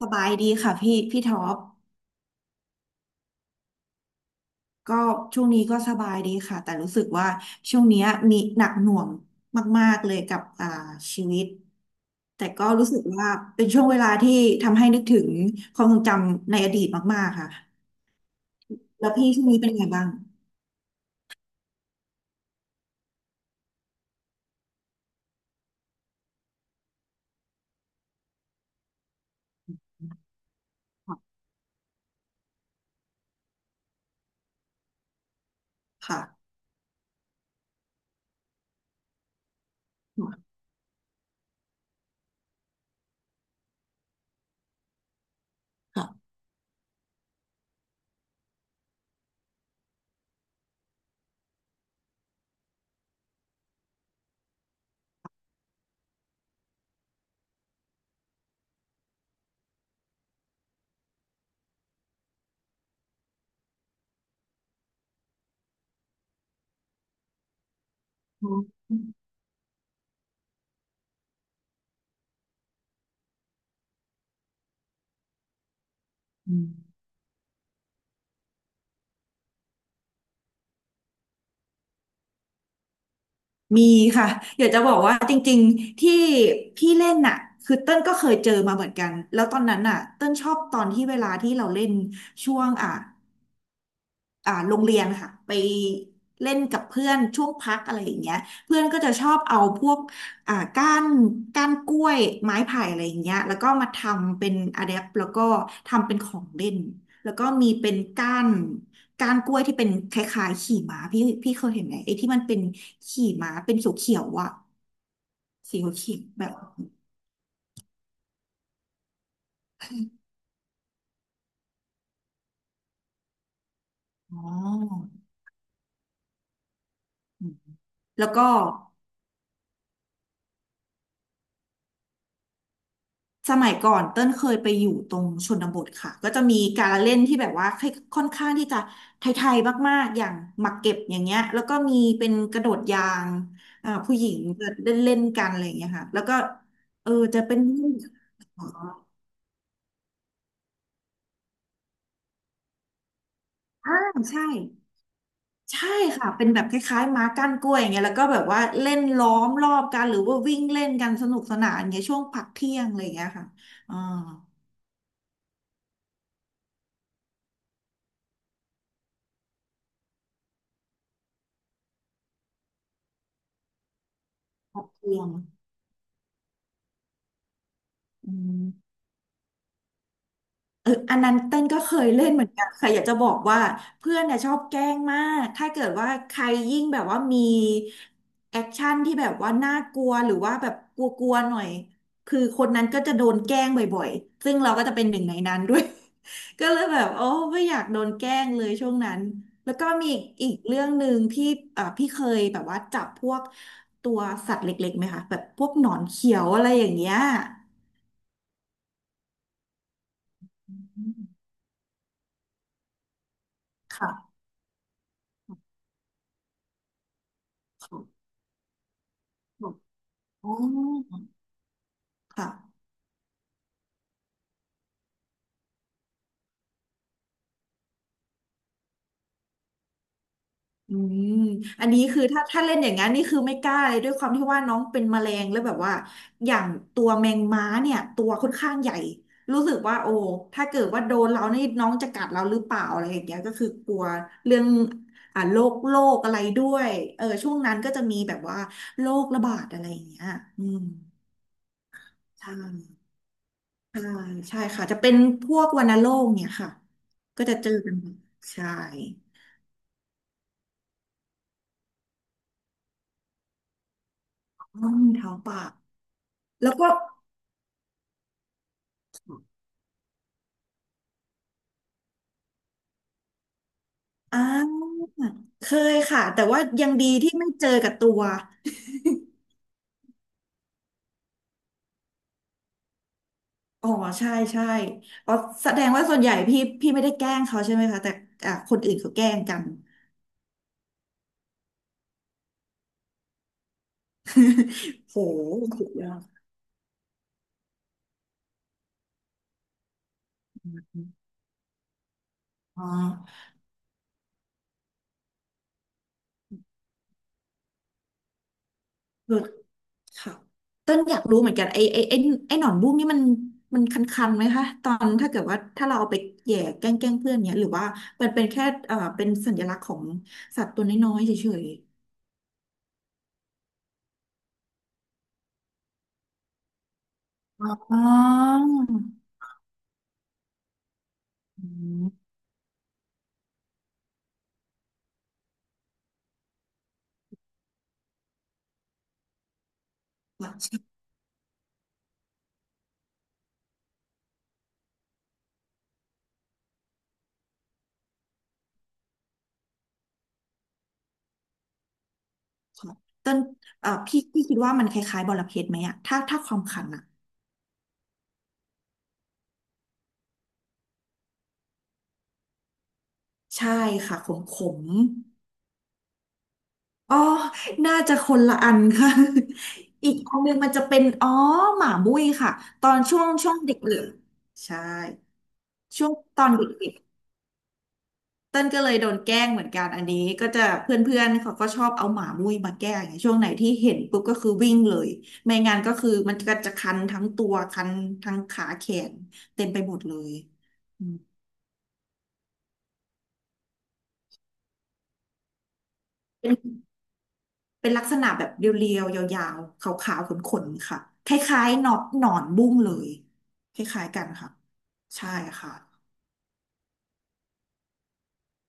สบายดีค่ะพี่ท็อปก็ช่วงนี้ก็สบายดีค่ะแต่รู้สึกว่าช่วงเนี้ยมีหนักหน่วงมากๆเลยกับชีวิตแต่ก็รู้สึกว่าเป็นช่วงเวลาที่ทำให้นึกถึงความทรงจำในอดีตมากๆค่ะแล้วพี่ช่วงนี้เป็นไงบ้างค่ะค่ะอืมอืมมีค่ะอยากจะบอกว่าจริงๆที่พี่เล่นน่ะคือเต้นก็เคยเจอมาเหมือนกันแล้วตอนนั้นน่ะเต้นชอบตอนที่เวลาที่เราเล่นช่วงอ่ะ โรงเรียนค่ะไปเล่นกับเพื่อนช่วงพักอะไรอย่างเงี้ยเพื่อนก็จะชอบเอาพวกก้านก้านกล้วยไม้ไผ่อะไรอย่างเงี้ยแล้วก็มาทำเป็นอะแดปแล้วก็ทำเป็นของเล่นแล้วก็มีเป็นก้านก้านกล้วยที่เป็นคล้ายๆขี่ม้าพี่เคยเห็นไหมไอ้ที่มันเป็นขี่ม้าเป็นสีเขียวๆอ่ะสีเขียวๆแบบอ๋อแล้วก็ สมัยก่อนเต้นเคยไปอยู่ตรงชนบทค่ะก็จะมีการละเล่นที่แบบว่าค่อนข้างที่จะไทยๆมากๆอย่างหมากเก็บอย่างเงี้ยแล้วก็มีเป็นกระโดดยางผู้หญิงจะเล่นเล่นกันอะไรอย่างเงี้ยค่ะแล้วก็เออจะเป็นอ๋ออ่าใช่ใช่ค่ะเป็นแบบคล้ายๆม้าก้านกล้วยอย่างเงี้ยแล้วก็แบบว่าเล่นล้อมรอบกันหรือว่าวิ่งเล่นกันสนุกสนานอย่างเงี้ยช่วงพักเที่ยงอะไรอย่างเงี้ยค่ะอ่าพักเที่ยงอืม เอออันนั้นเต้นก็เคยเล่นเหมือนกันค่ะอยากจะบอกว่าเพื่อนเนี่ยชอบแกล้งมากถ้าเกิดว่าใครยิ่งแบบว่ามีแอคชั่นที่แบบว่าน่ากลัวหรือว่าแบบกลัวๆหน่อยคือคนนั้นก็จะโดนแกล้งบ่อยๆซึ่งเราก็จะเป็นหนึ่งในนั้นด้วย ก็เลยแบบโอ้ไม่อยากโดนแกล้งเลยช่วงนั้นแล้วก็มีอีกเรื่องหนึ่งที่พี่เคยแบบว่าจับพวกตัวสัตว์เล็กๆไหมคะแบบพวกหนอนเขียวอะไรอย่างเงี้ยค่ะ อ๋อค่ะอืมอันนี้คือถ้าเล่นอย่างนั้นนี่คือไม่กล้าเลยด้วยความที่ว่าน้องเป็นแมลงแล้วแบบว่าอย่างตัวแมงม้าเนี่ยตัวค่อนข้างใหญ่รู้สึกว่าโอ้ถ้าเกิดว่าโดนเรานี่น้องจะกัดเราหรือเปล่าอะไรอย่างเงี้ยก็คือกลัวเรื่องโรคโรคอะไรด้วยเออช่วงนั้นก็จะมีแบบว่าโรคระบาดอะไรอย่างเงี้ยอืมใช่ใช่ใช่ค่ะจะเป็นพวกวัณโรคเนี่ยค่ะก็จะเจอกันบ่อยใช่อืมเท้าปากแล้วก็ อ่าเคยค่ะแต่ว่ายังดีที่ไม่เจอกับตัว อ๋อใช่ใช่อ๋อแสดงว่าส่วนใหญ่พี่ไม่ได้แกล้งเขาใช่ไหมคะแต่อ่ะคนอื่นเขาแกล้งกัน โหสุดยอดอ๋อเอค่ะ ต้นอยากรู้เหมือนกันไอ้หนอนบุ้งนี่มันมันคันๆไหมคะตอนถ้าเกิดว่าถ้าเราเอาไปแหย่แกล้งเพื่อนเนี้ยหรือว่ามันเป็นแค่เป็นสัญลักษณ์ของสัตว์ตัวน้อยๆเฉยๆอ๋ออืม เต้นพี่คิดว่ามันคล้ายๆบอระเพ็ดไหมอะถ้าความขันอะใช่ค่ะขมขมอ๋อน่าจะคนละอันค่ะ อีกอันหนึงมันจะเป็นอ๋อหมามุ้ยค่ะตอนช่วงเด็กเหลืองใช่ช่วงตอนเด็กๆเต้นก็เลยโดนแกล้งเหมือนกันอันนี้ก็จะเพื่อนๆเขาก็ชอบเอาหมามุ้ยมาแกล้งองช่วงไหนที่เห็นปุ๊บก็คือวิ่งเลยไม่งั้นก็คือมันก็จะคันทั้งตัวคันทั้งขาแขนเต็มไปหมดเลยอืม เป็นลักษณะแบบเรียวๆ ยาวๆขาวๆขนๆ ค่ะ คล้ายๆหนอนหนอนบุ้งเลย คล้ายๆ กันค่ะ ใช่ค่ะ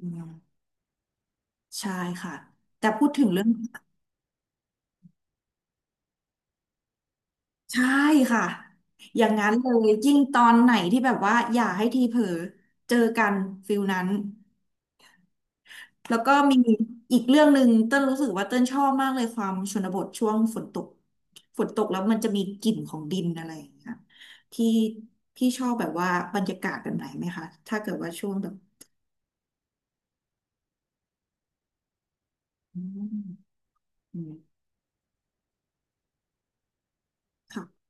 อืมใช่ค่ะ แต่พูดถึงเรื่อง ใช่ค่ะ อย่างนั้นเลยยิ่งตอนไหนที่แบบว่าอย่าให้ทีเผลอเจอกันฟิลนั้น แล้วก็มีอีกเรื่องหนึ่งเต้นรู้สึกว่าเต้นชอบมากเลยความชนบทช่วงฝนตกฝนตกแล้วมันจะมีกลิ่นของดินอะไรอย่างเงี้ยที่พี่ชอบแบบว่าบรรยากาศแบบไหนไหมคะถ้าเกิดว่าช่วงแบบอืมอืมค่ะ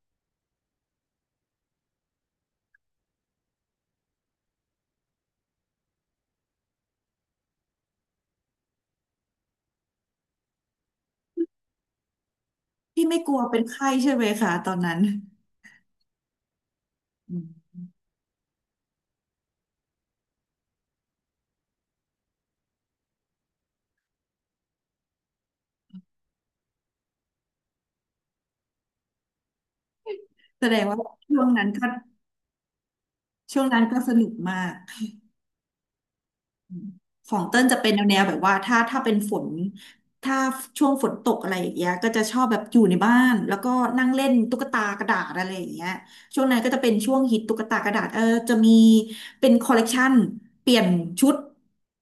พี่ไม่กลัวเป็นไข้ใช่ไหมคะตอนนั้นอืมแสดงว่าช่วงนั้นก็ช่วงนั้นก็สนุกมาก ของเติ้ลจะเป็นแนวแบบว่าถ้าเป็นฝนถ้าช่วงฝนตกอะไรอย่างเงี้ยก็จะชอบแบบอยู่ในบ้านแล้วก็นั่งเล่นตุ๊กตากระดาษอะไรอย่างเงี้ยช่วงนั้นก็จะเป็นช่วงฮิตตุ๊กตากระดาษเออจะมีเป็นคอลเลกชันเปลี่ยนชุด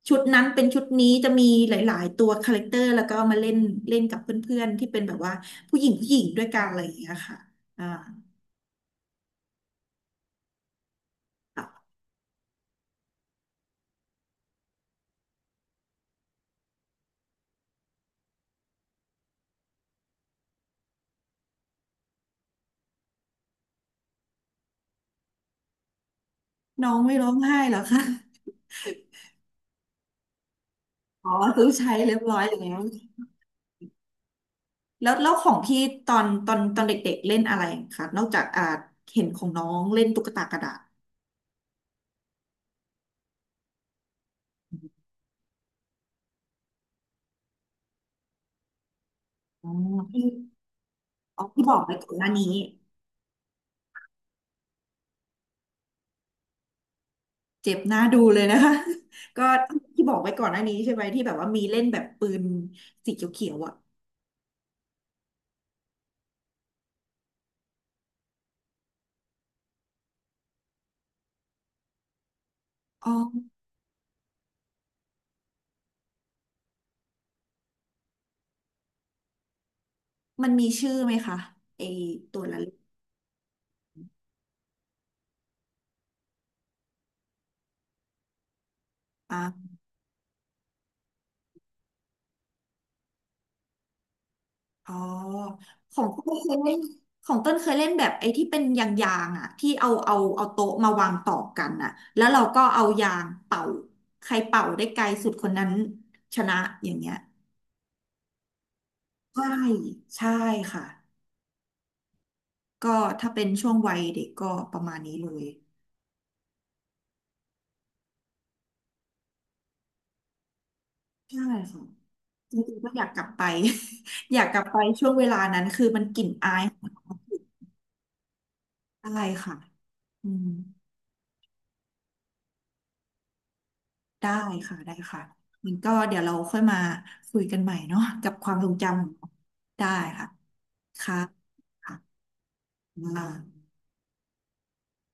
ชุดนั้นเป็นชุดนี้จะมีหลายๆตัวคาแรคเตอร์แล้วก็เอามาเล่นเล่นกับเพื่อนๆที่เป็นแบบว่าผู้หญิงผู้หญิงด้วยกันอะไรอย่างเงี้ยค่ะอ่าค่ะน้องไม่ร้องไห้เหรอคะอ๋อซื้อใช้เรียบร้อยแล้ว แล้วแล้วของพี่ตอนเด็กๆเล่นอะไรคะนอกจากเห็นของน้องเล่นตุ๊กตากระดาษอ๋อที่อ๋อพี่บอกไว้ก่อนหน้านี้เจ็บหน้าดูเลยนะคะ ก็ที่บอกไว้ก่อนหน้านี้ใช่ไหมที่แบบว่ามีเล่นแบบปืนสีเขียวๆอ่ะอ๋อมันมีชื่อไหมคะไอตัวละเล่น อ๋อของต้นเคยเล่นของต้นเคยเล่นแบบไอ้ที่เป็นยางๆอ่ะที่เอาโต๊ะมาวางต่อกันอ่ะแล้วเราก็เอายางเป่าใครเป่าได้ไกลสุดคนนั้นชนะอย่างเงี้ยใช่ใช่ค่ะก็ถ้าเป็นช่วงวัยเด็กก็ประมาณนี้เลยใช่ค่ะจริงๆก็อยากกลับไป อยากกลับไปช่วงเวลานั้นคือมันกลิ่นอายของอะไรค่ะอืม ได้ค่ะได้ค่ะมันก็เดี๋ยวเราค่อยมาคุยกันใหม่เนาะกับความทรงจำของเราได้ค่ะค่ะค่ะอ่า